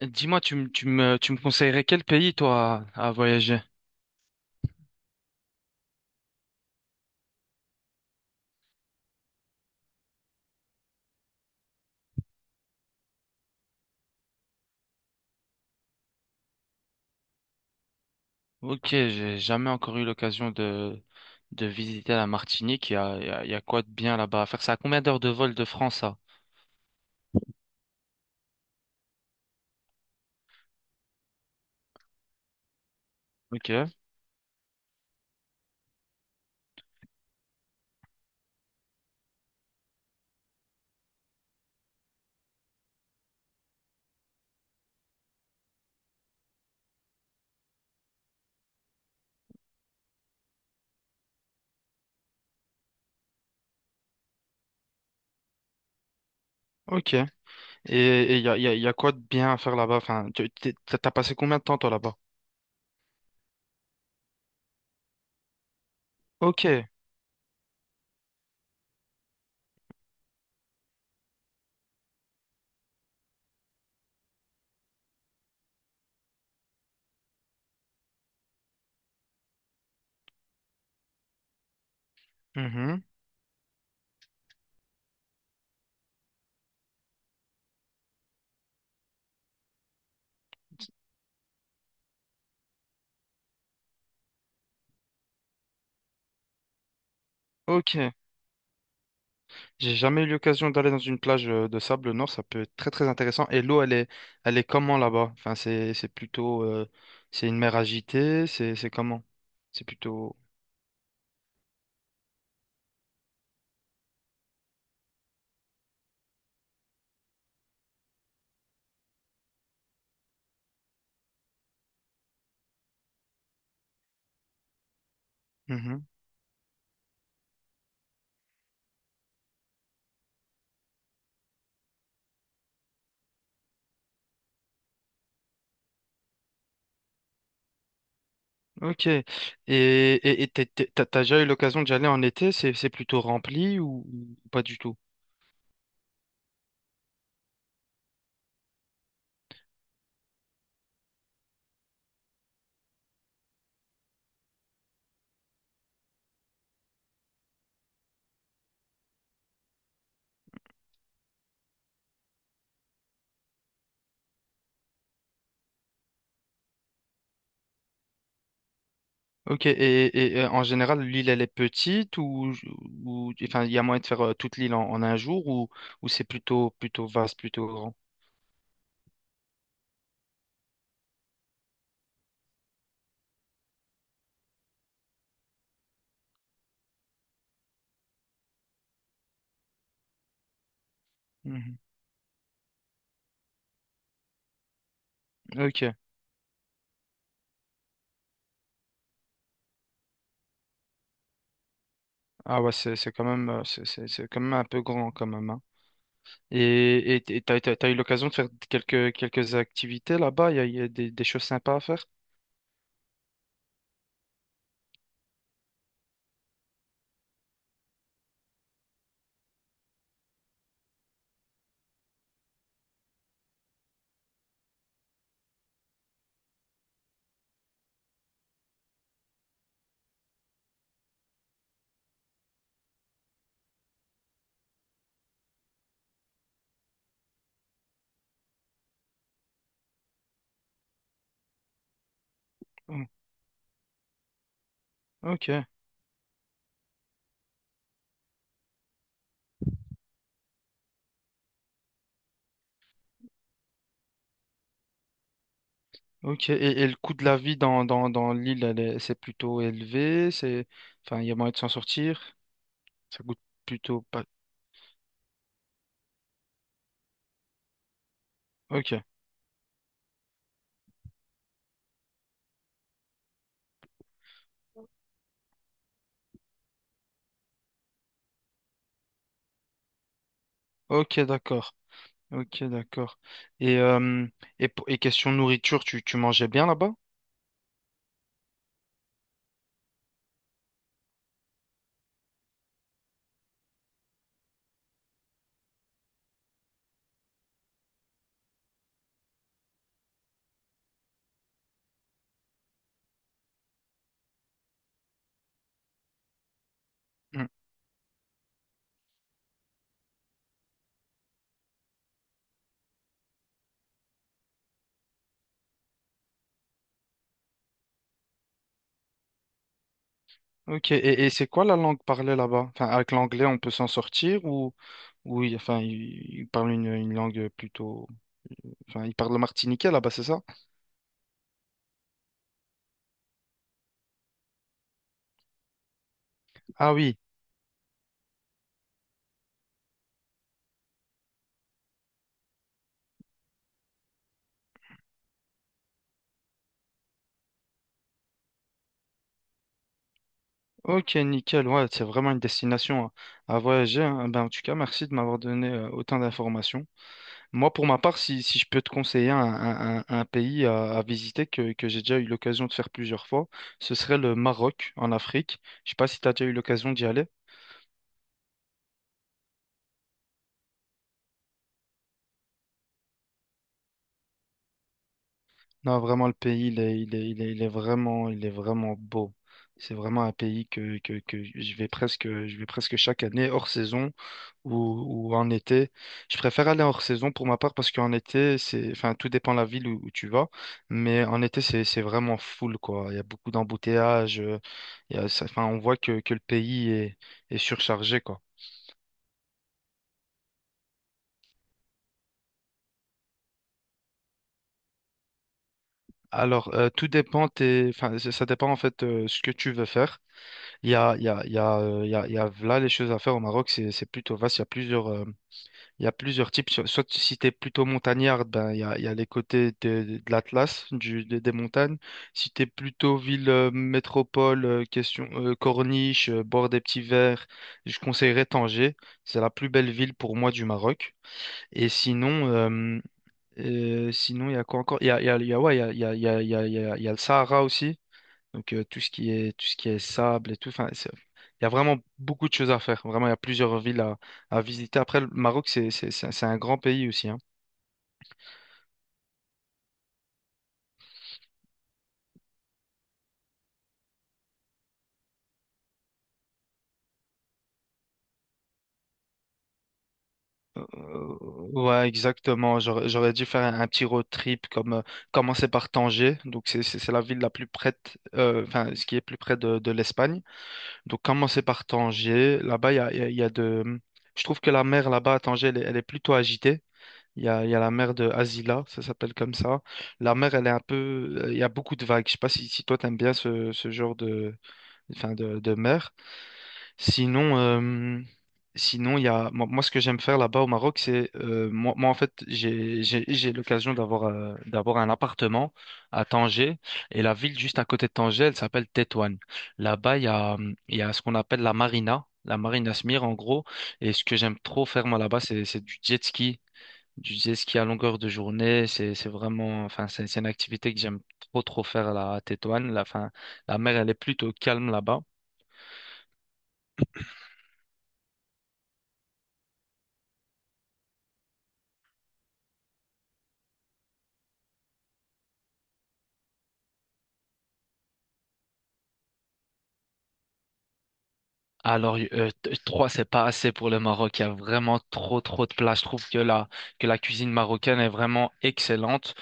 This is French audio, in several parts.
Dis-moi, tu me conseillerais quel pays, toi, à voyager? Ok, j'ai jamais encore eu l'occasion de visiter la Martinique. Il y a, il y a, il y a quoi de bien là-bas à faire? C'est à combien d'heures de vol de France, ça? Ok, ok. Et et il y a, il y a, il y a quoi de bien à faire là-bas? Enfin, t'as passé combien de temps, toi, là-bas? Ok. Mhm. Ok. J'ai jamais eu l'occasion d'aller dans une plage de sable, nord. Ça peut être très très intéressant. Et l'eau, elle est comment là-bas? Enfin, c'est plutôt, c'est une mer agitée, c'est comment? C'est plutôt. Mhm. Ok. Et t'as déjà eu l'occasion d'y aller en été? C'est plutôt rempli ou pas du tout? Ok. Et en général, l'île, elle est petite ou, enfin, il y a moyen de faire toute l'île en un jour ou c'est plutôt, plutôt vaste, plutôt grand? Mhm. Ok. Ah ouais, c'est quand même, c'est quand même un peu grand quand même, hein. Et t'as eu l'occasion de faire quelques, quelques activités là-bas, il y a des choses sympas à faire. Hmm. Ok, ok. Et le coût de la vie dans l'île, c'est plutôt élevé, c'est, enfin, il y a moyen de s'en sortir, ça coûte plutôt pas. Ok, ok, d'accord, ok, d'accord. Et, euh, et, et question nourriture, tu mangeais bien là-bas? Ok, et c'est quoi la langue parlée là-bas? Enfin, avec l'anglais, on peut s'en sortir ou, enfin, ils il parlent une langue plutôt. Enfin, ils parlent le martiniquais là-bas, c'est ça? Ah oui, ok, nickel. Ouais, c'est vraiment une destination à voyager, hein. Ben, en tout cas, merci de m'avoir donné autant d'informations. Moi, pour ma part, si je peux te conseiller un pays à visiter que j'ai déjà eu l'occasion de faire plusieurs fois, ce serait le Maroc en Afrique. Je sais pas si tu as déjà eu l'occasion d'y aller. Non, vraiment, le pays, il est, il est, il est, il est vraiment beau. C'est vraiment un pays que je vais presque chaque année, hors saison ou, ou en été. Je préfère aller hors saison pour ma part parce qu'en été, c'est, enfin, tout dépend de la ville où tu vas. Mais en été, c'est vraiment full, quoi. Il y a beaucoup d'embouteillages. Il y a, ça- enfin, on voit que le pays est surchargé, quoi. Alors, tout dépend, enfin, ça dépend en fait ce que tu veux faire. Il y a, il y a, il y a, il y a, il y a là les choses à faire au Maroc, c'est plutôt vaste. Il y a plusieurs, il y a plusieurs types. Soit si tu es plutôt montagnard, ben, il y a les côtés de l'Atlas, des montagnes. Si tu es plutôt ville, métropole, question, corniche, bord des petits verts, je conseillerais Tanger. C'est la plus belle ville pour moi du Maroc. Et sinon, sinon il y a quoi encore? Il y a, il y a, il y a- Ouais, il y a, il y a, il y a, il y a, il y a il y a le Sahara aussi. Donc tout ce qui est sable et tout, il y a vraiment beaucoup de choses à faire. Vraiment, il y a plusieurs villes à visiter. Après, le Maroc, c'est un grand pays aussi, hein. Euh, ouais, exactement. J'aurais dû faire un petit road trip comme commencer par Tanger. Donc c'est la ville la plus près, enfin ce qui est plus près de l'Espagne. Donc commencer par Tanger. Là-bas, il y a de, je trouve que la mer là-bas à Tanger, elle est plutôt agitée. Il y a la mer de Asila, ça s'appelle comme ça. La mer, elle est un peu. Il y a beaucoup de vagues. Je sais pas si, si toi, t'aimes bien ce genre de, enfin de mer. Sinon, sinon il y a, moi, ce que j'aime faire là-bas au Maroc, c'est. Moi, en fait, j'ai l'occasion d'avoir d'avoir un appartement à Tanger. Et la ville juste à côté de Tanger, elle s'appelle Tétouan. Là-bas, il y a ce qu'on appelle la marina. La marina Smir, en gros. Et ce que j'aime trop faire, moi, là-bas, c'est du jet ski. Du jet ski à longueur de journée, c'est vraiment, c'est une activité que j'aime trop trop faire là, à Tétouan. La fin, la mer elle est plutôt calme là-bas. Alors trois c'est pas assez pour le Maroc. Il y a vraiment trop trop de plages. Je trouve que la cuisine marocaine est vraiment excellente.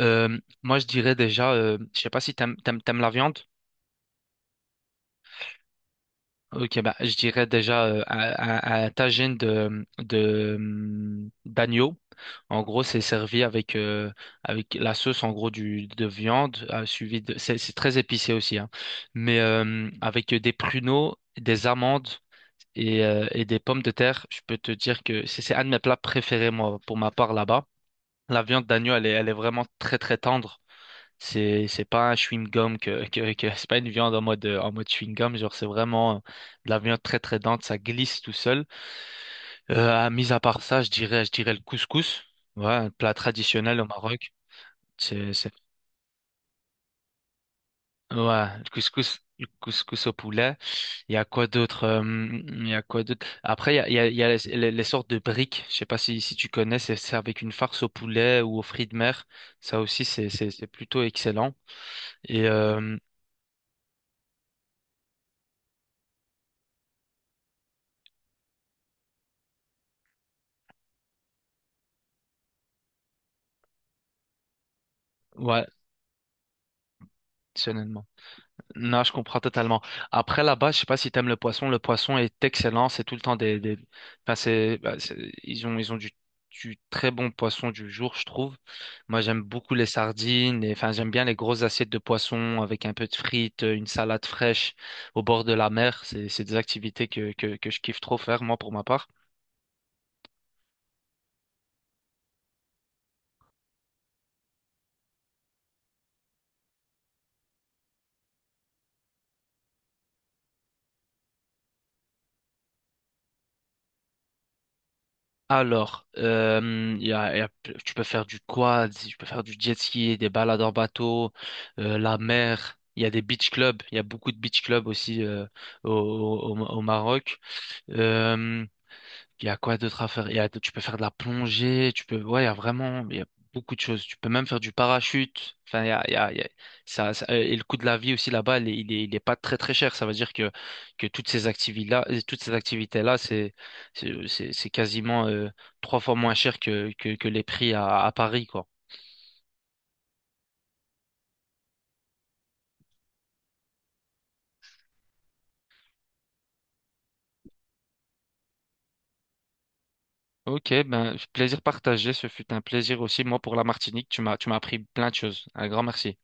Euh, Moi je dirais déjà, je sais pas si t'aimes la viande. Ok, bah, je dirais déjà un tagine d'agneau. En gros, c'est servi avec, avec la sauce en gros de viande, suivi de. C'est très épicé aussi, hein. Mais avec des pruneaux, des amandes et des pommes de terre, je peux te dire que c'est un de mes plats préférés, moi, pour ma part là-bas. La viande d'agneau, elle est vraiment très très tendre. C'est pas un chewing-gum que c'est pas une viande en mode chewing-gum, genre c'est vraiment de la viande très très dense, ça glisse tout seul. Mis à part ça, je dirais le couscous. Ouais, un plat traditionnel au Maroc. C'est Ouais, le couscous au poulet. Il y a quoi d'autre il y a quoi d'autre? Après il y a les sortes de briques. Je sais pas si si tu connais, c'est avec une farce au poulet ou aux fruits de mer. Ça aussi c'est plutôt excellent. Et ouais, personnellement. Non, je comprends totalement. Après, là-bas, je sais pas si t'aimes le poisson. Le poisson est excellent. C'est tout le temps des... Enfin, c'est, bah, ils ont du très bon poisson du jour, je trouve. Moi, j'aime beaucoup les sardines. Et, enfin, j'aime bien les grosses assiettes de poisson avec un peu de frites, une salade fraîche au bord de la mer. C'est des activités que je kiffe trop faire, moi, pour ma part. Alors, tu peux faire du quad, tu peux faire du jet ski, des balades en bateau, la mer. Il y a beaucoup de beach clubs aussi au Maroc. Euh, il y a quoi d'autre à faire? Il y a, tu peux faire de la plongée, tu peux, ouais, il y a beaucoup de choses. Tu peux même faire du parachute. Enfin, il y a, il y a, il y a- ça- Et le coût de la vie aussi là-bas, il est pas très très cher. Ça veut dire que toutes ces toutes ces activités-là, c'est quasiment trois fois moins cher que les prix à Paris, quoi. Ok, ben, plaisir partagé. Ce fut un plaisir aussi, moi, pour la Martinique. Tu m'as appris plein de choses. Un grand merci.